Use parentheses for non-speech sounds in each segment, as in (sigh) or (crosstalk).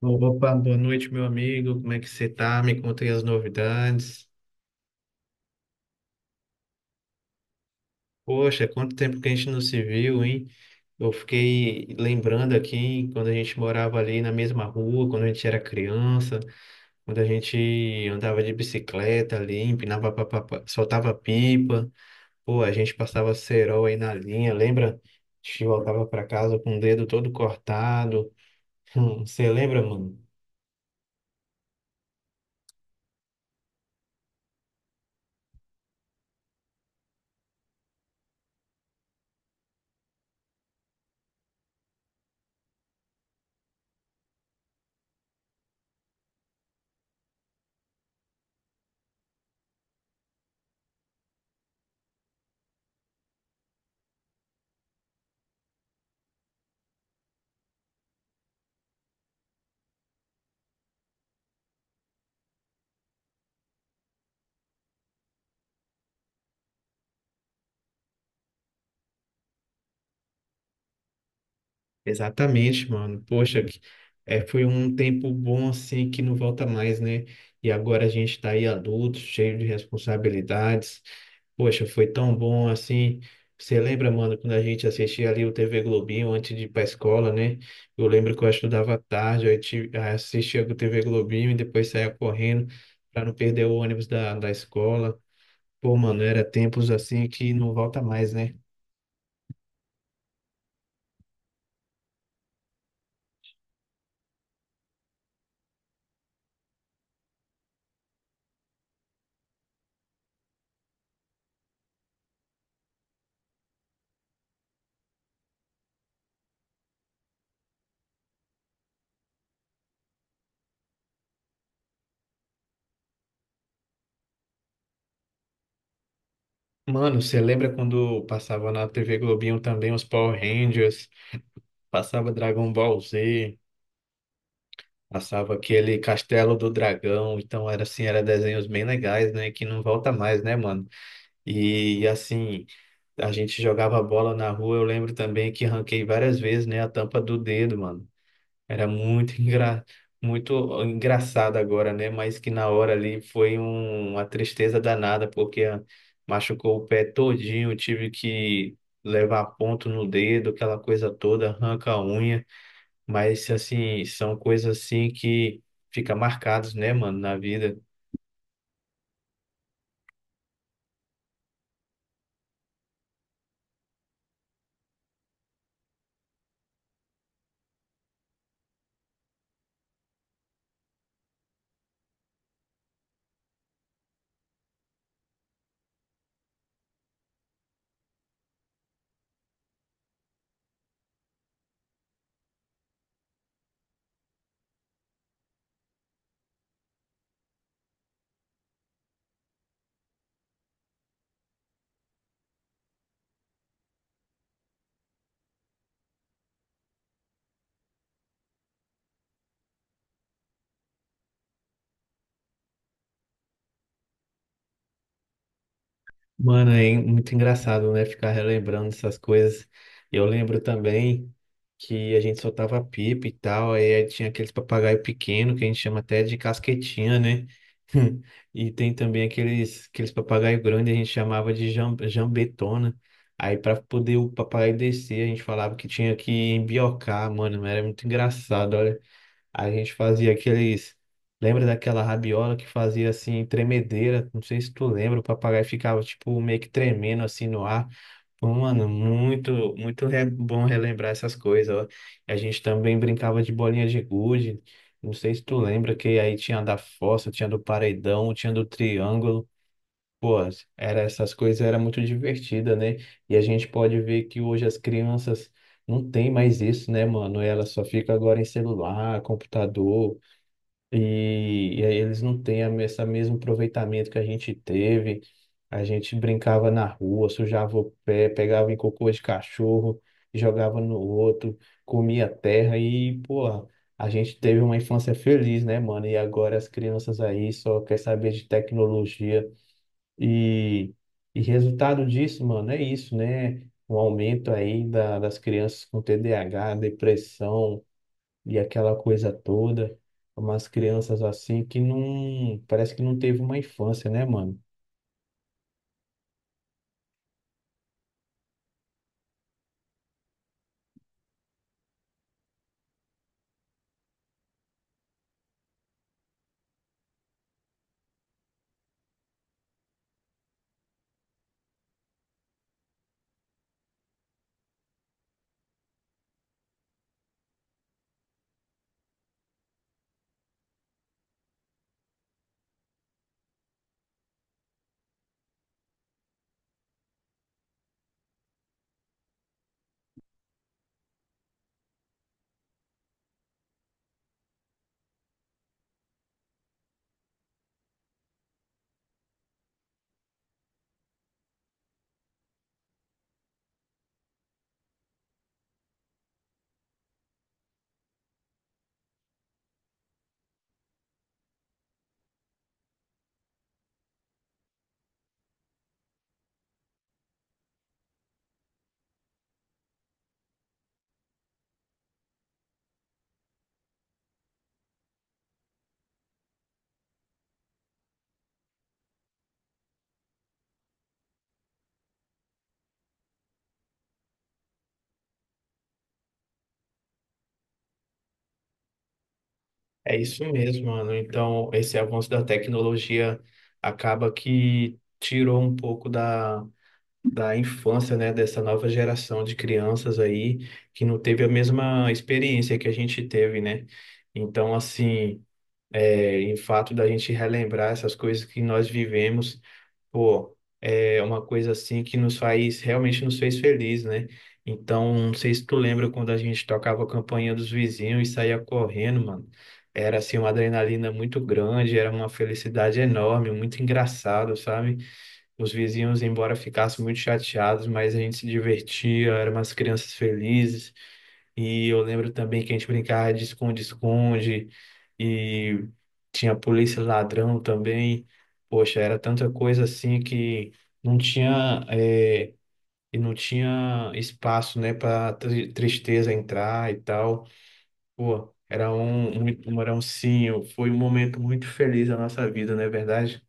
Opa, boa noite, meu amigo. Como é que você tá? Me contem as novidades. Poxa, quanto tempo que a gente não se viu, hein? Eu fiquei lembrando aqui quando a gente morava ali na mesma rua, quando a gente era criança, quando a gente andava de bicicleta ali, empinava, papapá, soltava pipa. Pô, a gente passava cerol aí na linha, lembra? A gente voltava pra casa com o dedo todo cortado. (laughs) Você lembra, mano? Exatamente, mano. É, foi um tempo bom assim que não volta mais, né? E agora a gente tá aí adulto, cheio de responsabilidades. Poxa, foi tão bom assim. Você lembra, mano, quando a gente assistia ali o TV Globinho antes de ir pra escola, né? Eu lembro que eu estudava à tarde, aí assistia o TV Globinho e depois saía correndo pra não perder o ônibus da escola. Pô, mano, era tempos assim que não volta mais, né? Mano, você lembra quando passava na TV Globinho também os Power Rangers, passava Dragon Ball Z, passava aquele Castelo do Dragão? Então era assim, era desenhos bem legais, né, que não volta mais, né, mano? E assim, a gente jogava bola na rua, eu lembro também que ranquei várias vezes, né, a tampa do dedo, mano. Era muito (laughs) muito engraçado agora, né? Mas que na hora ali uma tristeza danada, porque machucou o pé todinho, tive que levar ponto no dedo, aquela coisa toda, arranca a unha. Mas, assim, são coisas assim que fica marcados, né, mano, na vida. Mano, é muito engraçado, né? Ficar relembrando essas coisas. Eu lembro também que a gente soltava pipa e tal, aí tinha aqueles papagaio pequeno que a gente chama até de casquetinha, né? (laughs) E tem também aqueles papagaio grande, a gente chamava de jambetona. Aí para poder o papagaio descer, a gente falava que tinha que embiocar, mano, era muito engraçado, a gente fazia aqueles. Lembra daquela rabiola que fazia assim, tremedeira? Não sei se tu lembra, o papagaio ficava tipo meio que tremendo assim no ar. Pô, mano, bom relembrar essas coisas, ó. A gente também brincava de bolinha de gude. Não sei se tu lembra que aí tinha a da fossa, tinha do paredão, tinha do triângulo. Pô, era essas coisas era muito divertida, né? E a gente pode ver que hoje as crianças não têm mais isso, né, mano? Elas só ficam agora em celular, computador, e aí eles não têm a, esse mesmo aproveitamento que a gente teve. A gente brincava na rua, sujava o pé, pegava em cocô de cachorro, jogava no outro, comia terra e, pô, a gente teve uma infância feliz, né, mano? E agora as crianças aí só quer saber de tecnologia e, e resultado disso, mano, é isso, né? Um aumento aí das crianças com TDAH, depressão e aquela coisa toda. Umas crianças assim que não, parece que não teve uma infância, né, mano? É isso mesmo, mano. Então, esse avanço da tecnologia acaba que tirou um pouco da infância, né, dessa nova geração de crianças aí que não teve a mesma experiência que a gente teve, né? Então, assim. É, em fato da gente relembrar essas coisas que nós vivemos, pô, é uma coisa assim que nos faz, realmente nos fez feliz, né? Então, não sei se tu lembra quando a gente tocava a campainha dos vizinhos e saía correndo, mano. Era assim uma adrenalina muito grande, era uma felicidade enorme, muito engraçado, sabe? Os vizinhos, embora ficassem muito chateados, mas a gente se divertia, eram umas crianças felizes. E eu lembro também que a gente brincava de esconde-esconde e tinha polícia e ladrão também. Poxa, era tanta coisa assim que não tinha eh, e não tinha espaço, né, para tristeza entrar e tal. Pô, era um, muito um era um sim foi um momento muito feliz da nossa vida, não é verdade?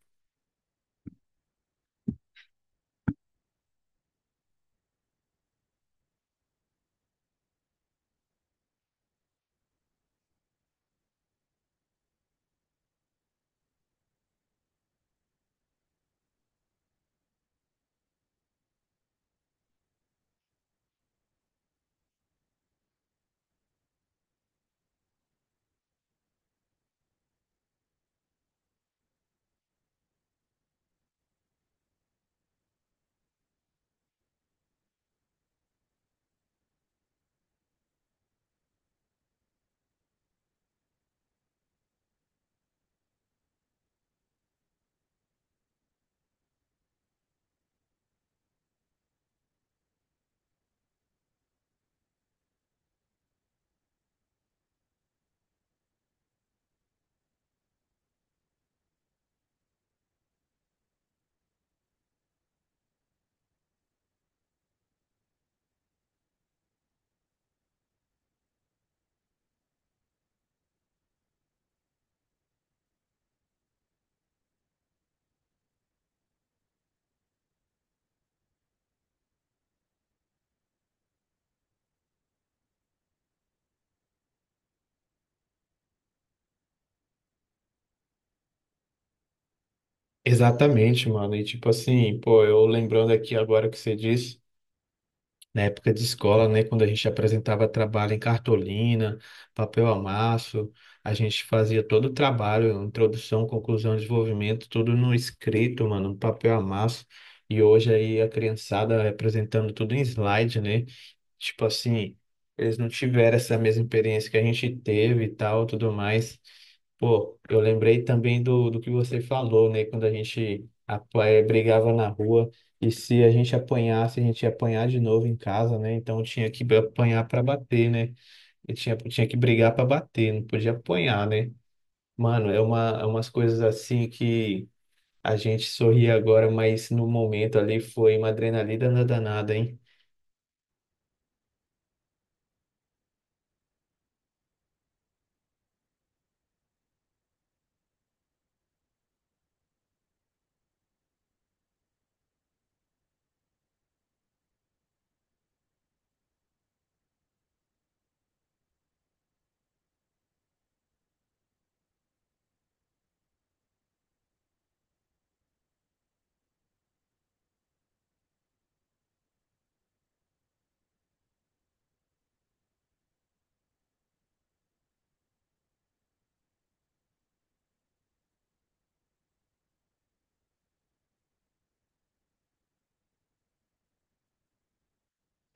Exatamente, mano. E tipo assim, pô, eu lembrando aqui agora o que você disse. Na época de escola, né, quando a gente apresentava trabalho em cartolina, papel amasso, a gente fazia todo o trabalho, introdução, conclusão, desenvolvimento, tudo no escrito, mano, no papel amasso. E hoje aí a criançada apresentando tudo em slide, né? Tipo assim, eles não tiveram essa mesma experiência que a gente teve e tal, tudo mais. Pô, eu lembrei também do que você falou, né? Quando a gente brigava na rua e se a gente apanhasse, a gente ia apanhar de novo em casa, né? Então tinha que apanhar para bater, né? E tinha que brigar para bater, não podia apanhar, né? Mano, é umas coisas assim que a gente sorri agora, mas no momento ali foi uma adrenalina danada, hein?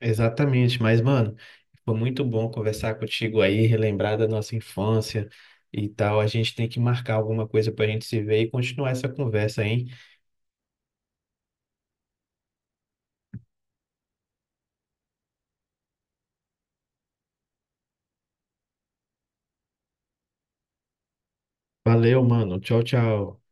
Exatamente, mas mano, foi muito bom conversar contigo aí, relembrar da nossa infância e tal. A gente tem que marcar alguma coisa pra gente se ver e continuar essa conversa, hein? Valeu, mano. Tchau, tchau.